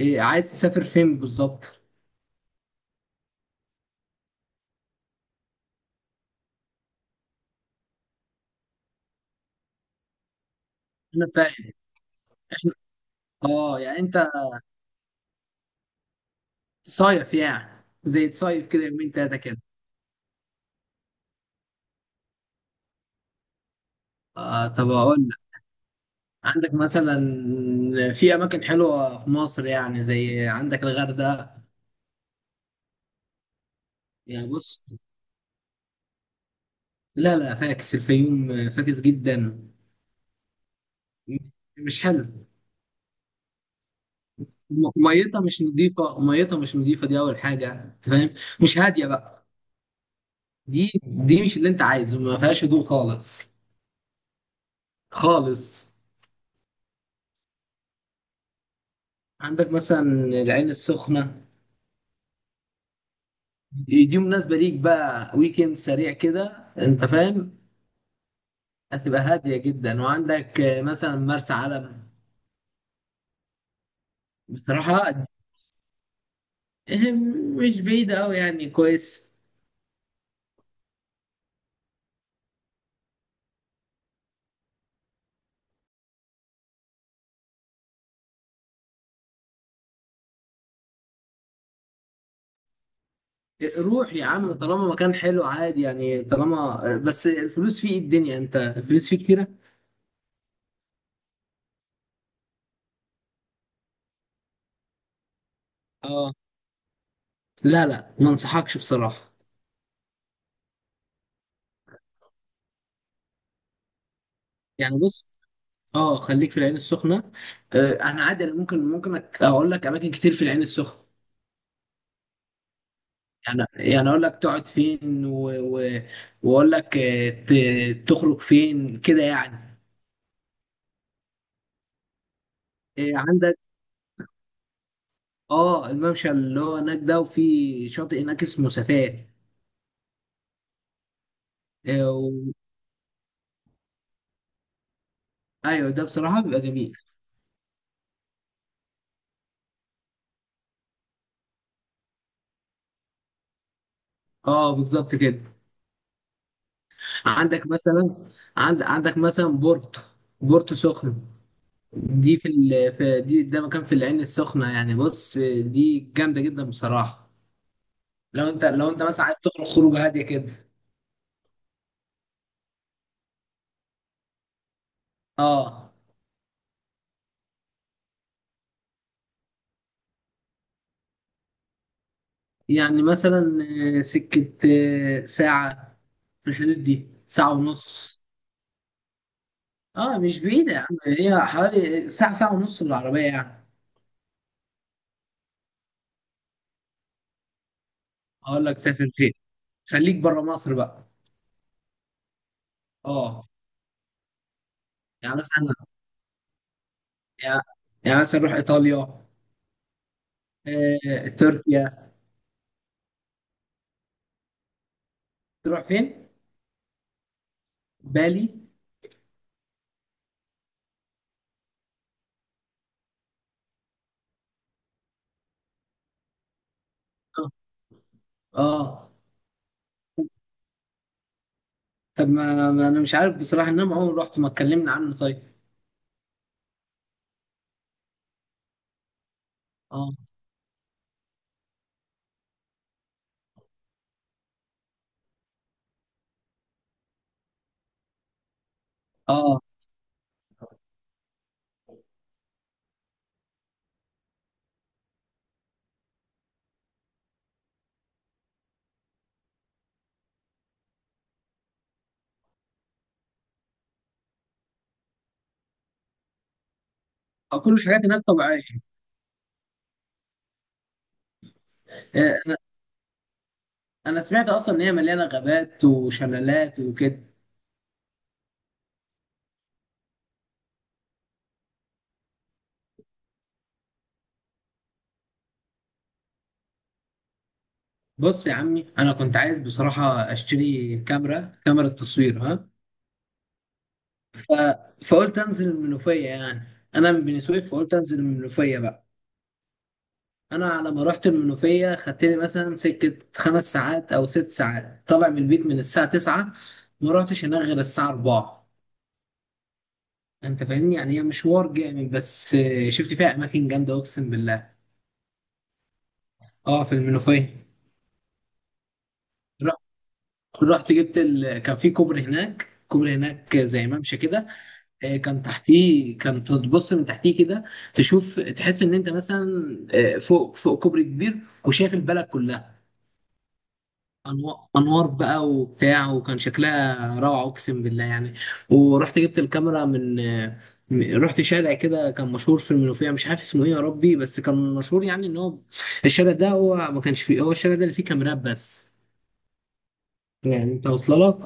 إيه عايز تسافر فين بالظبط؟ انا فاهم. اه يعني انت صيف يعني زي تصيف كده يومين تلاتة كده. آه طب اقول لك، عندك مثلا في اماكن حلوة في مصر يعني زي عندك الغردقة. يعني بص، لا لا فاكس، الفيوم فاكس جدا. م- مش حلو. ميتها مش نظيفة، ميتها مش نظيفة، دي اول حاجة أنت فاهم. مش هادية بقى. دي مش اللي انت عايزه، ما فيهاش هدوء خالص. خالص. عندك مثلا العين السخنة، دي مناسبة ليك بقى، ويكند سريع كده انت فاهم. هتبقى هادية جدا، وعندك مثلا مرسى علم. بصراحة مش بعيدة أوي يعني كويس. روح يا عم طالما مكان حلو عادي يعني، طالما بس الفلوس فيه، ايه الدنيا انت الفلوس فيه كتيرة؟ اه لا لا، ما انصحكش بصراحة. يعني بص، اه خليك في العين السخنة. انا عادي، انا ممكن، اقول لك اماكن كتير في العين السخنة. يعني، اقول لك تقعد فين و... واقول لك تخرج فين كده يعني. عندك، اه الممشى اللي هو هناك ده، وفي شاطئ هناك اسمه سفاق. آه، و... ايوه ده بصراحة بيبقى جميل. اه بالظبط كده. عندك مثلا، عندك مثلا بورتو، بورتو سخنة. دي في, ال... في دي ده مكان في العين السخنة. يعني بص، دي جامدة جدا بصراحة. لو انت، مثلا عايز تخرج خروج هادية كده. اه. يعني مثلا سكة، ساعة، في الحدود دي ساعة ونص. اه مش بعيدة يا عم، هي حوالي ساعة ساعة ونص بالعربية يعني. اقول لك سافر فين، خليك بره مصر بقى. اه يعني مثلا، يعني يعني مثلا روح ايطاليا، تركيا. تروح فين؟ بالي؟ اه. آه. طب ما, ما انا مش عارف بصراحة، ان انا عمري ما رحت، ما اتكلمنا عنه طيب. اه. اه، كل الحاجات هناك طبيعية. آه، انا سمعت اصلا ان هي مليانه غابات وشلالات وكده. بص يا عمي، انا كنت عايز بصراحه اشتري كاميرا، كاميرا تصوير ها. ف... فقلت انزل المنوفيه يعني. انا من بني سويف، فقلت انزل المنوفيه بقى. انا على ما رحت المنوفيه خدت لي مثلا سكه خمس ساعات او ست ساعات، طالع من البيت من الساعه 9، ما رحتش هناك غير الساعه 4. انت فاهمني يعني، هي مشوار جامد، بس شفت فيها اماكن جامده اقسم بالله. اه في المنوفيه. رحت جبت كان في كوبري هناك، كوبري هناك زي ممشى كده. كان تحتيه، كان تبص من تحتيه كده، تشوف تحس ان انت مثلا فوق، كوبري كبير، وشايف البلد كلها. انوار بقى وبتاع، وكان شكلها روعه اقسم بالله يعني. ورحت جبت الكاميرا من رحت شارع كده كان مشهور في المنوفيه، مش عارف اسمه ايه يا ربي، بس كان مشهور يعني ان هو الشارع ده، هو ما كانش فيه، هو الشارع ده اللي فيه كاميرات بس. يعني انت واصله لك.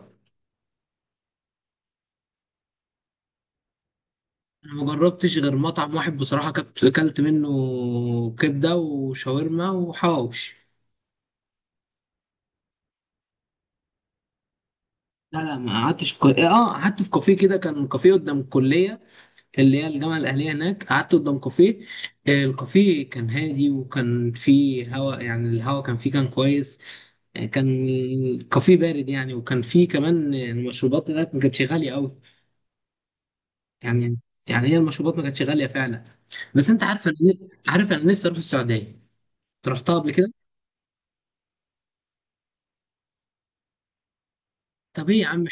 أنا ما جربتش غير مطعم واحد بصراحة، كنت أكلت منه كبدة وشاورما وحواوش. لا لا ما قعدتش في كو... اه آه، قعدت في كافيه كده، كان كافيه قدام الكلية، اللي هي الجامعة الأهلية هناك، قعدت قدام كافيه. الكافيه كان هادي، وكان فيه هوا يعني، الهوا كان فيه كان كويس. آه، كان الكافيه بارد يعني، وكان فيه كمان المشروبات هناك ما كانتش غالية أوي. يعني، هي المشروبات ما كانتش غالية فعلا. بس أنت عارف، أنا نفسي أروح السعودية. أنت رحتها قبل كده؟ طب ايه يا عم،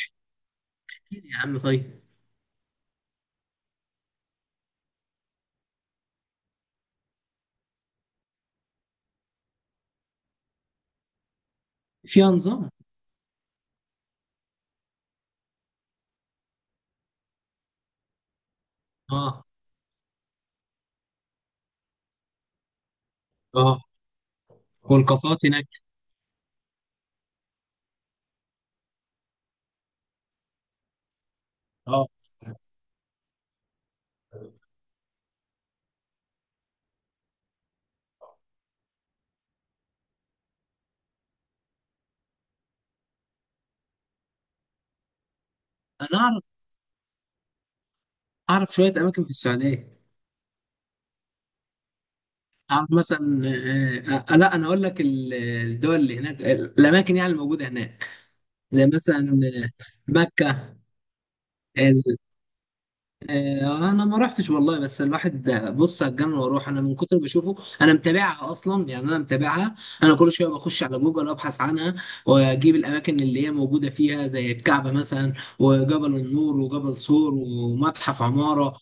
يا عم طيب. فيها نظام. اه. اه. والكافيهات هناك؟ اه انا اعرف، اعرف شويه اماكن في السعوديه. اعرف مثلا، آه آه لا انا اقول لك الدول اللي هناك، الاماكن يعني الموجوده هناك، زي مثلا مكه. انا ما رحتش والله، بس الواحد بص على الجنة واروح انا، من كتر ما بشوفه. انا متابعها اصلا يعني، انا متابعها. انا كل شويه بخش على جوجل ابحث عنها، واجيب الاماكن اللي هي موجوده فيها زي الكعبه مثلا، وجبل النور وجبل صور ومتحف عماره.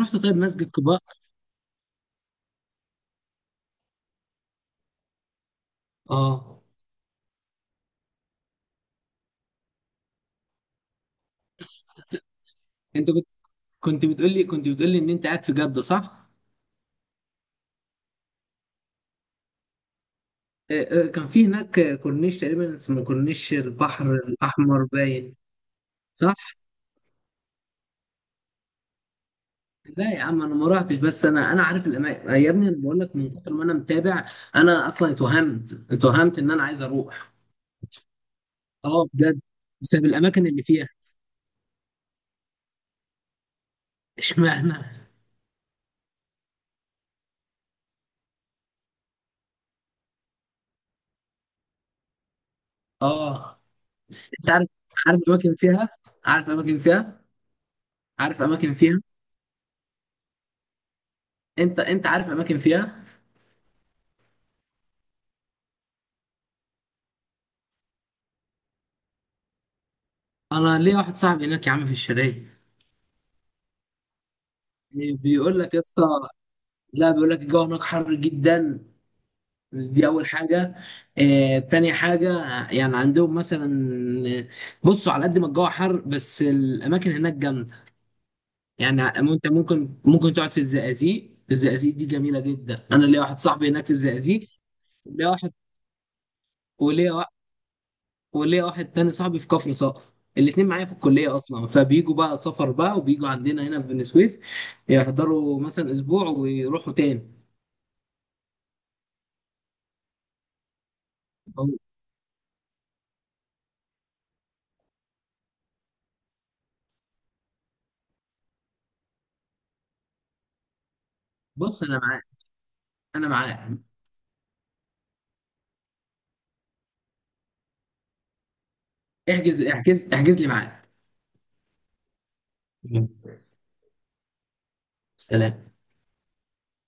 رحت طيب مسجد قباء. اه. انت كنت، كنت بتقول لي ان انت قاعد في جده صح؟ كان في هناك كورنيش تقريبا اسمه كورنيش البحر الاحمر باين. صح. لا يا عم انا ما رحتش، بس انا عارف الاماكن يا ابني، انا بقول لك من كتر ما انا متابع. انا اصلا اتوهمت، اتوهمت ان انا عايز اروح. اه بجد، بسبب الاماكن اللي فيها. اشمعنى؟ اه انت عارف، عارف اماكن فيها، عارف اماكن فيها، عارف اماكن فيها؟ انت عارف اماكن فيها؟ انا ليا واحد صاحبي هناك يا عم في الشرقية. بيقول لك يا اسطى، لا بيقول لك الجو هناك حر جدا. دي اول حاجه. تاني حاجه، يعني عندهم مثلا، آه، بصوا على قد ما الجو حر بس الاماكن هناك جامده. يعني انت ممكن، تقعد في الزقازيق، الزقازيق دي جميله جدا، انا ليا واحد صاحبي هناك في الزقازيق. ليا واحد، وليا وا- وليا واحد تاني صاحبي في كفر صقر. الاتنين معايا في الكلية أصلا، فبيجوا بقى سفر بقى وبيجوا عندنا هنا في بني سويف، يحضروا مثلا أسبوع ويروحوا تاني. بص أنا معاك، أنا معاك. احجز، احجز، احجز لي معاك. سلام.